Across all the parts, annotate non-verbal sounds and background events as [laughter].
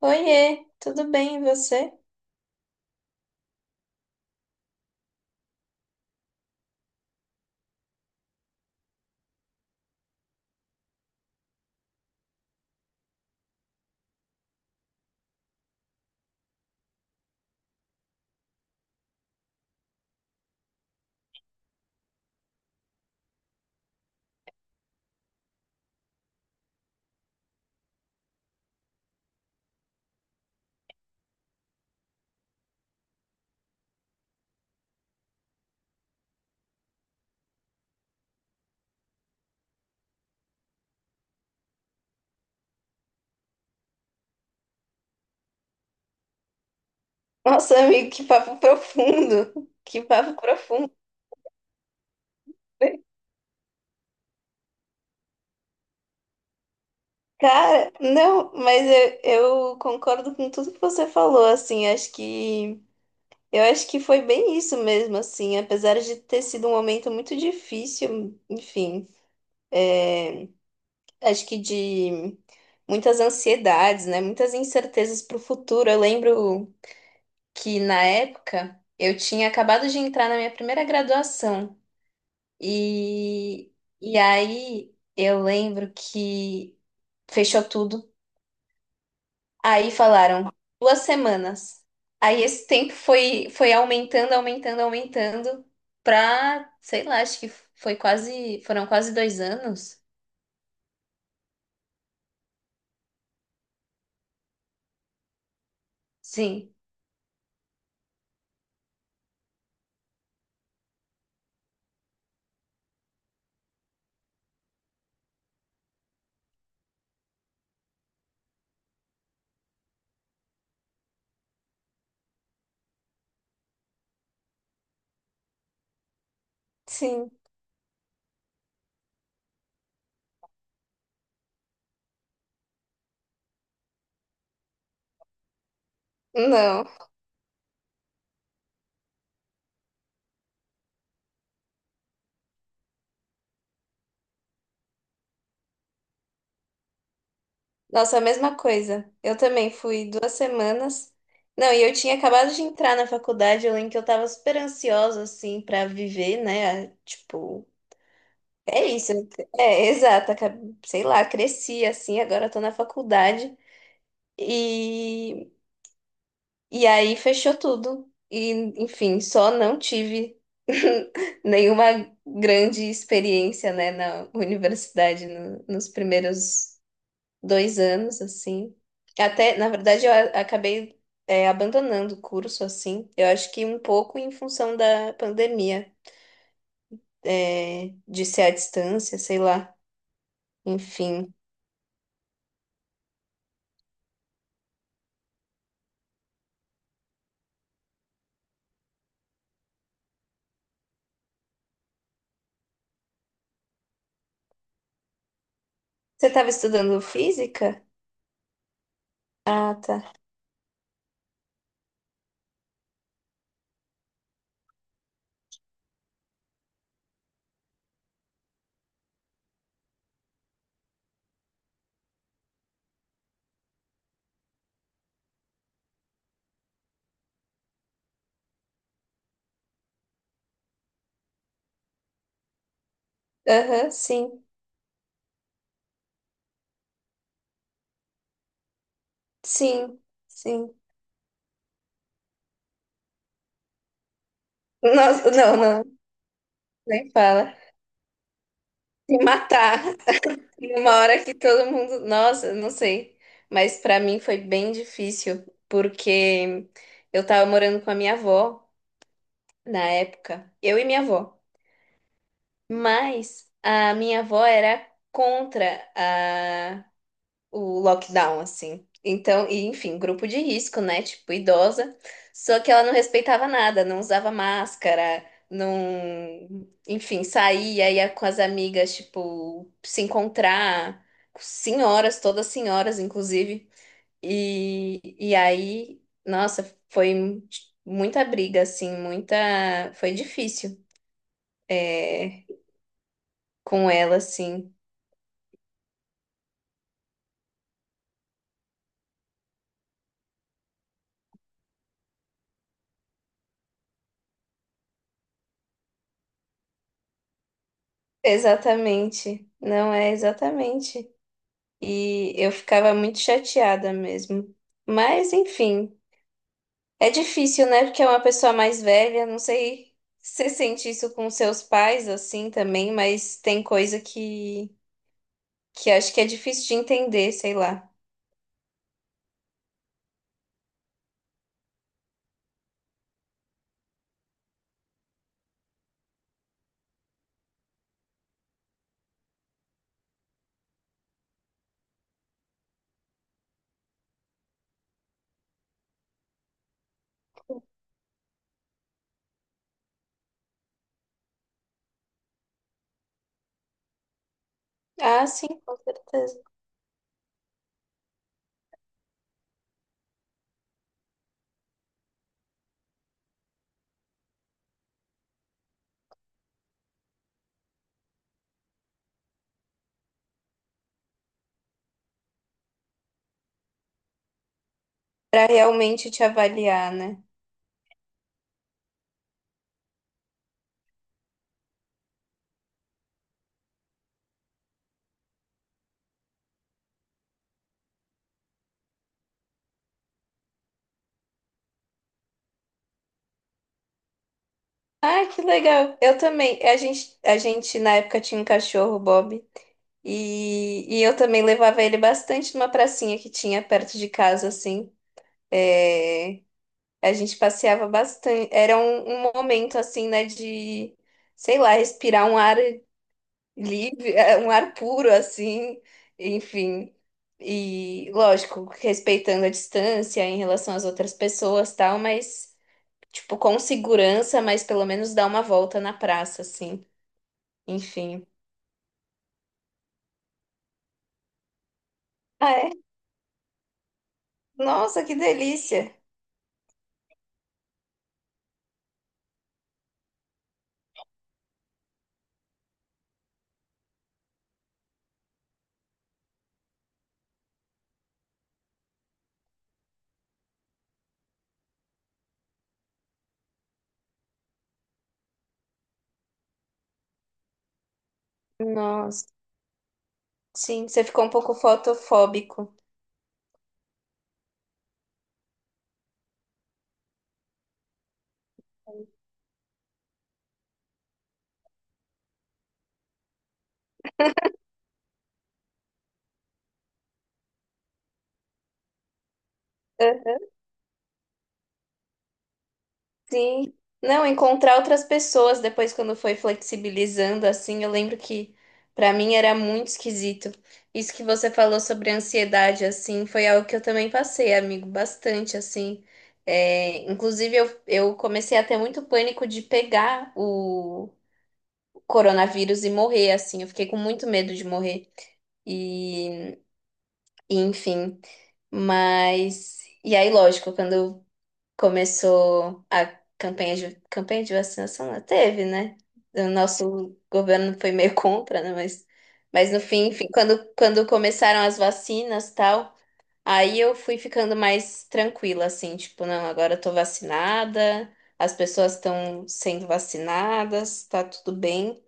Oiê, tudo bem e você? Nossa, amigo, que papo profundo. [laughs] Que papo profundo. Cara, não, mas eu concordo com tudo que você falou, assim, acho que foi bem isso mesmo, assim, apesar de ter sido um momento muito difícil, enfim, é, acho que de muitas ansiedades, né? Muitas incertezas para o futuro. Eu lembro que na época eu tinha acabado de entrar na minha primeira graduação. E, e aí eu lembro que fechou tudo. Aí falaram duas semanas. Aí esse tempo foi, foi aumentando, aumentando, aumentando pra, sei lá, acho que foram quase dois anos. Sim, sim. Não. Nossa, a mesma coisa. Eu também fui duas semanas. Não, e eu tinha acabado de entrar na faculdade, eu lembro que eu tava super ansiosa, assim, pra viver, né? Tipo, é isso, é exato. Sei lá, cresci assim, agora tô na faculdade e, e aí fechou tudo. E, enfim, só não tive [laughs] nenhuma grande experiência, né, na universidade nos primeiros dois anos, assim. Até, na verdade, acabei, é, abandonando o curso, assim. Eu acho que um pouco em função da pandemia, é, de ser à distância, sei lá. Enfim. Você estava estudando física? Ah, tá. Aham, sim, sim, sim. Nossa, não, não, nem fala. Se matar numa hora que todo mundo. Nossa, não sei. Mas para mim foi bem difícil, porque eu tava morando com a minha avó na época. Eu e minha avó. Mas a minha avó era contra o lockdown, assim. Então, e enfim, grupo de risco, né? Tipo, idosa. Só que ela não respeitava nada, não usava máscara, não. Enfim, saía, ia com as amigas, tipo, se encontrar. Senhoras, todas senhoras, inclusive. E aí, nossa, foi muita briga, assim, muita. Foi difícil, é, com ela, assim. Exatamente. Não é exatamente. E eu ficava muito chateada mesmo. Mas, enfim, é difícil, né? Porque é uma pessoa mais velha. Não sei se você sente isso com seus pais assim também, mas tem coisa que acho que é difícil de entender, sei lá. Ah, sim, com certeza. Pra realmente te avaliar, né? Ah, que legal. Eu também. A gente na época tinha um cachorro, o Bob, e eu também levava ele bastante numa pracinha que tinha perto de casa, assim. É, a gente passeava bastante. Era um, um momento assim, né, de, sei lá, respirar um ar livre, [laughs] eh, um ar puro assim, enfim. E lógico, respeitando a distância em relação às outras pessoas, tal, mas tipo com segurança, mas pelo menos dar uma volta na praça assim, enfim. Ah, é? Nossa, que delícia. Nossa. Sim, você ficou um pouco fotofóbico. Sim. Não, encontrar outras pessoas depois quando foi flexibilizando assim, eu lembro que pra mim era muito esquisito. Isso que você falou sobre ansiedade assim, foi algo que eu também passei, amigo, bastante assim. É, inclusive eu comecei a ter muito pânico de pegar o coronavírus e morrer assim. Eu fiquei com muito medo de morrer. E, e, enfim, mas e aí, lógico, quando eu começou a campanha de vacinação, não teve, né? O nosso governo foi meio [laughs] contra, né? Mas no fim, enfim, quando começaram as vacinas e tal, aí eu fui ficando mais tranquila, assim, tipo, não, agora eu tô vacinada, as pessoas estão sendo vacinadas, tá tudo bem.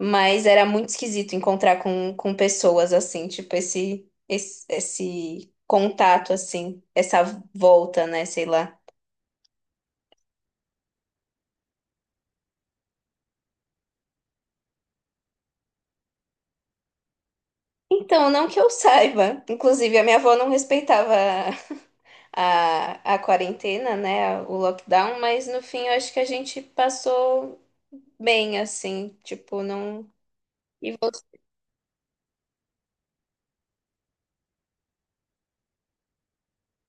Mas era muito esquisito encontrar com pessoas assim, tipo, esse contato, assim, essa volta, né? Sei lá. Então, não que eu saiba. Inclusive, a minha avó não respeitava a quarentena, né? O lockdown, mas no fim eu acho que a gente passou bem, assim. Tipo, não. E você...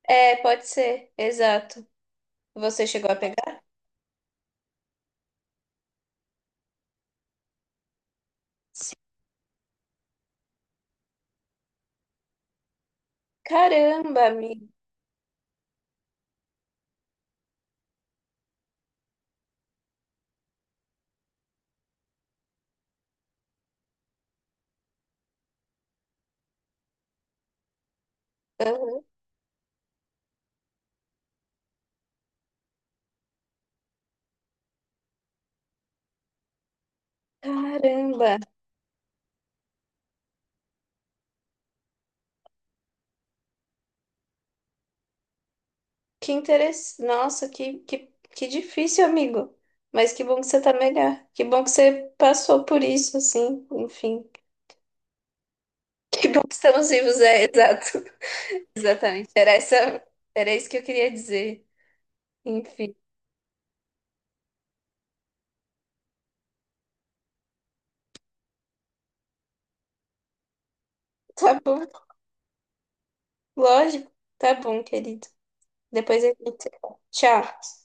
É, pode ser, exato. Você chegou a pegar? Sim. Caramba, amigo. Caramba. Que interessante. Nossa, que difícil, amigo. Mas que bom que você tá melhor. Que bom que você passou por isso, assim. Enfim. Que bom que estamos vivos, é, [laughs] exato. Exatamente. Era isso que eu queria dizer. Enfim, tá bom. Lógico. Tá bom, querido. Depois a gente se fala. Tchau.